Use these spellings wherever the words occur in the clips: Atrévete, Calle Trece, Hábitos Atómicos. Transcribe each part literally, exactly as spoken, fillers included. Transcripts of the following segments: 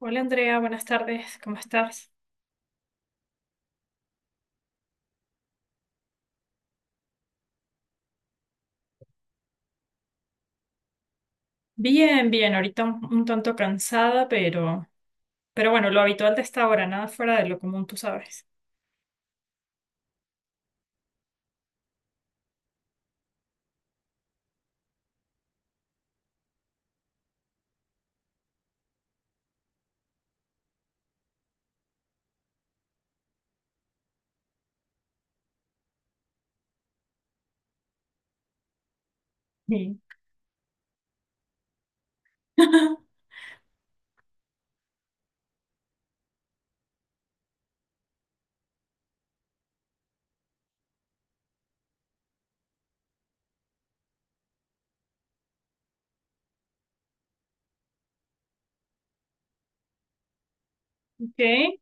Hola Andrea, buenas tardes, ¿cómo estás? Bien, bien, ahorita un, un tanto cansada, pero, pero bueno, lo habitual de esta hora, nada fuera de lo común, tú sabes. Sí. Ok.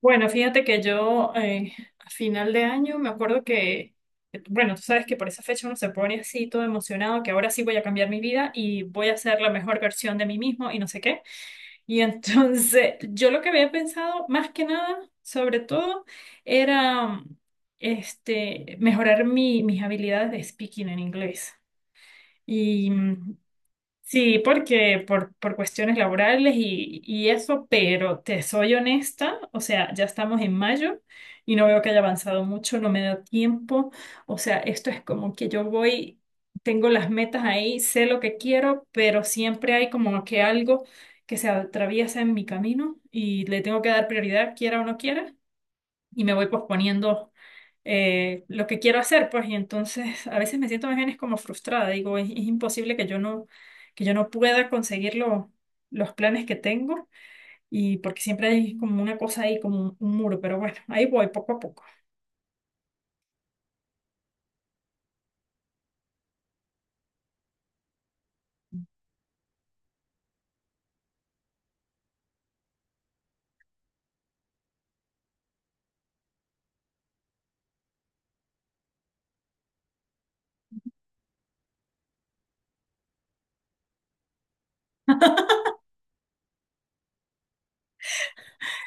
Bueno, fíjate que yo eh, a final de año me acuerdo que, bueno, tú sabes que por esa fecha uno se pone así todo emocionado, que ahora sí voy a cambiar mi vida y voy a ser la mejor versión de mí mismo y no sé qué. Y entonces, yo lo que había pensado más que nada, sobre todo, era este, mejorar mi- mis habilidades de speaking en inglés. Y, mm, sí, porque por, por cuestiones laborales y, y eso, pero te soy honesta, o sea, ya estamos en mayo y no veo que haya avanzado mucho, no me da tiempo, o sea, esto es como que yo voy, tengo las metas ahí, sé lo que quiero, pero siempre hay como que algo que se atraviesa en mi camino y le tengo que dar prioridad, quiera o no quiera y me voy posponiendo eh, lo que quiero hacer, pues, y entonces a veces me siento más bien es como frustrada, digo, es, es imposible que yo no, que yo no pueda conseguir lo- los planes que tengo, y porque siempre hay como una cosa ahí, como un, un muro, pero bueno, ahí voy poco a poco.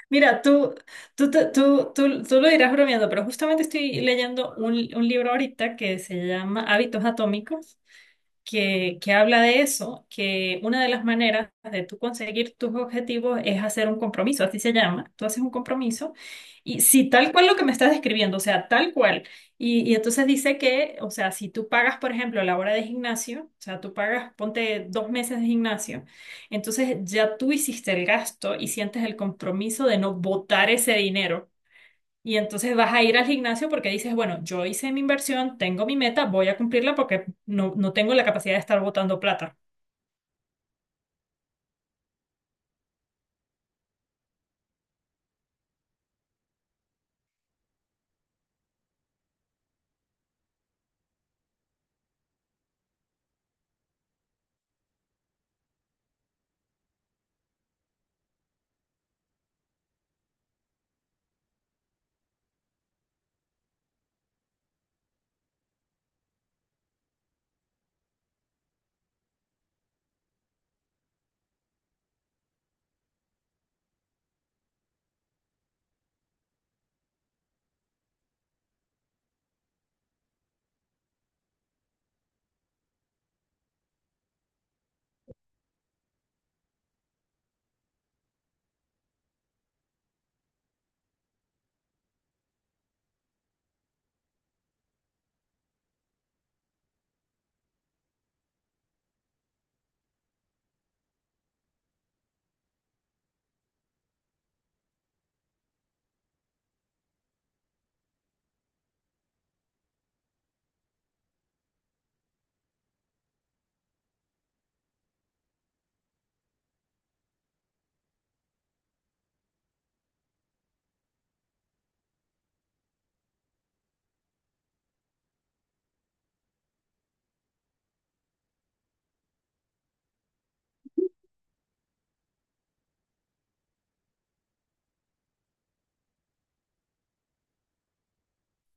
Mira, tú, tú, te- tú, tú, tú lo dirás bromeando, pero justamente estoy leyendo un, un libro ahorita que se llama Hábitos Atómicos, que, que habla de eso, que una de las maneras de tú conseguir tus objetivos es hacer un compromiso, así se llama. Tú haces un compromiso y si tal cual lo que me estás describiendo, o sea, tal cual. Y, y entonces dice que, o sea, si tú pagas, por ejemplo, la hora de gimnasio, o sea, tú pagas, ponte dos meses de gimnasio, entonces ya tú hiciste el gasto y sientes el compromiso de no botar ese dinero. Y entonces vas a ir al gimnasio porque dices, bueno, yo hice mi inversión, tengo mi meta, voy a cumplirla porque no, no tengo la capacidad de estar botando plata.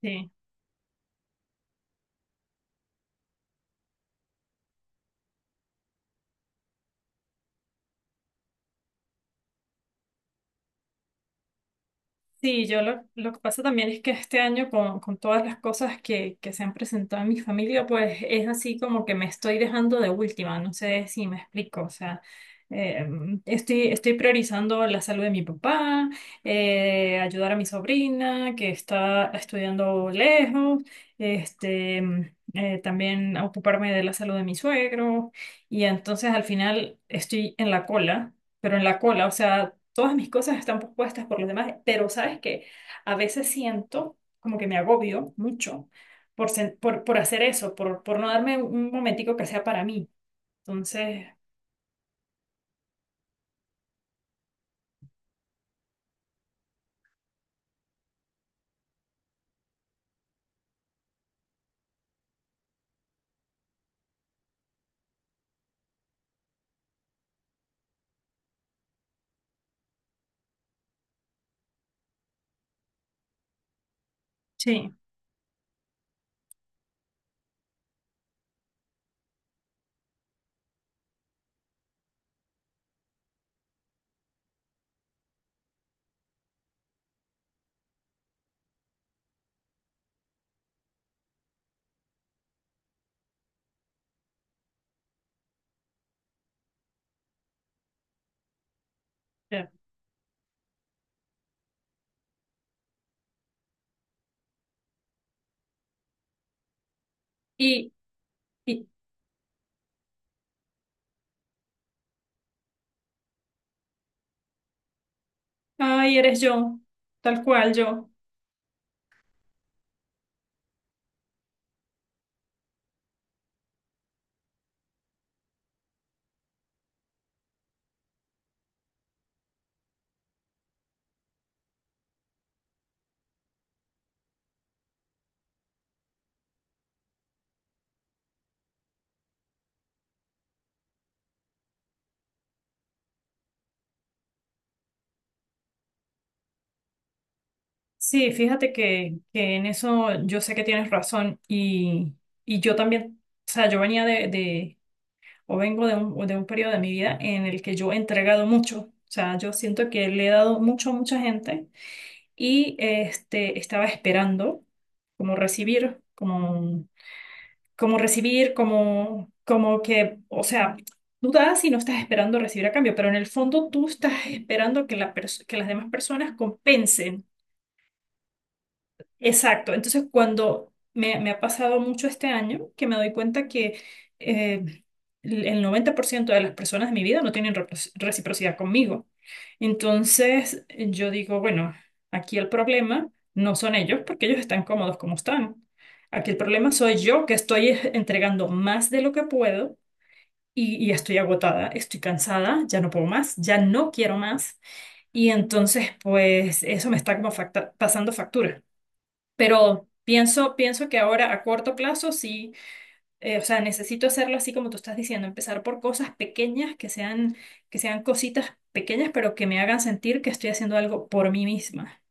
Sí. Sí, yo lo, lo que pasa también es que este año con, con todas las cosas que, que se han presentado en mi familia, pues es así como que me estoy dejando de última, no sé si me explico, o sea, eh, estoy, estoy priorizando la salud de mi papá, eh, ayudar a mi sobrina que está estudiando lejos, este, eh, también ocuparme de la salud de mi suegro y entonces al final estoy en la cola, pero en la cola, o sea todas mis cosas están puestas por los demás, pero sabes que a veces siento como que me agobio mucho por, sen- por, por hacer eso, por, por no darme un momentico que sea para mí. Entonces, sí. Ya. y, y, Ay, eres yo, tal cual yo. Sí, fíjate que, que en eso yo sé que tienes razón y, y yo también, o sea, yo venía de, de o vengo de un, de un periodo de mi vida en el que yo he entregado mucho, o sea, yo siento que le he dado mucho a mucha gente y este, estaba esperando como recibir, como, como recibir, como, como que, o sea, tú das y no estás esperando recibir a cambio, pero en el fondo tú estás esperando que, la pers- que las demás personas compensen. Exacto. Entonces, cuando me, me ha pasado mucho este año, que me doy cuenta que eh, el noventa por ciento de las personas de mi vida no tienen repro- reciprocidad conmigo. Entonces, yo digo, bueno, aquí el problema no son ellos, porque ellos están cómodos como están. Aquí el problema soy yo, que estoy eh, entregando más de lo que puedo y, y estoy agotada, estoy cansada, ya no puedo más, ya no quiero más. Y entonces, pues, eso me está como facta- pasando factura. Pero pienso, pienso que ahora a corto plazo sí, eh, o sea, necesito hacerlo así como tú estás diciendo, empezar por cosas pequeñas que sean, que sean cositas pequeñas, pero que me hagan sentir que estoy haciendo algo por mí misma.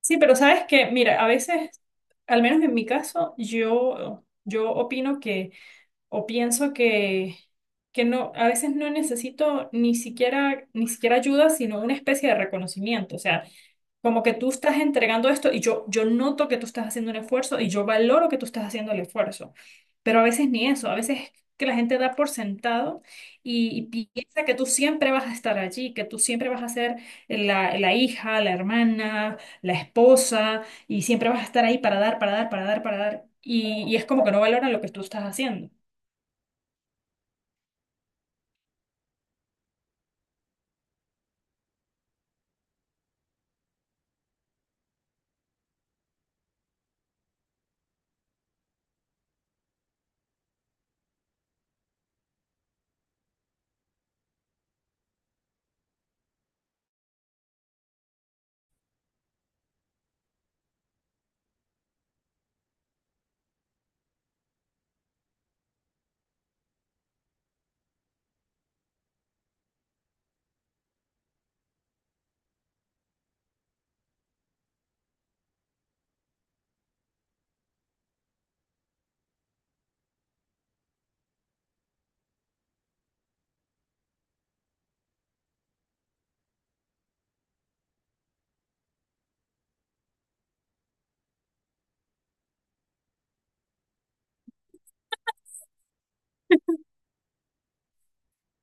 Sí, pero sabes que, mira, a veces, al menos en mi caso, yo, yo opino que o pienso que, que no, a veces no necesito ni siquiera, ni siquiera ayuda, sino una especie de reconocimiento. O sea, como que tú estás entregando esto y yo, yo noto que tú estás haciendo un esfuerzo y yo valoro que tú estás haciendo el esfuerzo. Pero a veces ni eso, a veces que la gente da por sentado y, y piensa que tú siempre vas a estar allí, que tú siempre vas a ser la, la hija, la hermana, la esposa y siempre vas a estar ahí para dar, para dar, para dar, para dar. Y, y es como que no valoran lo que tú estás haciendo.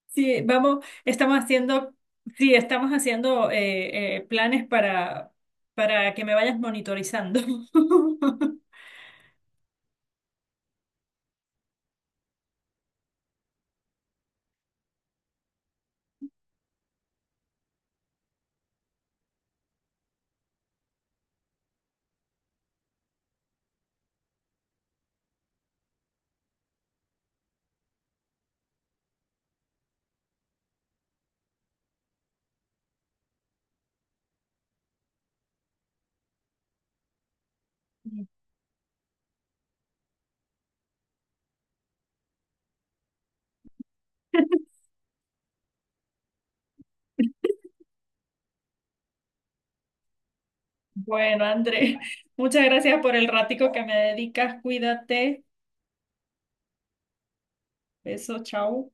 Sí, vamos, estamos haciendo, sí, estamos haciendo eh, eh, planes para, para que me vayas monitorizando. Bueno, André, muchas gracias por el ratico que me dedicas. Cuídate. Beso, chao.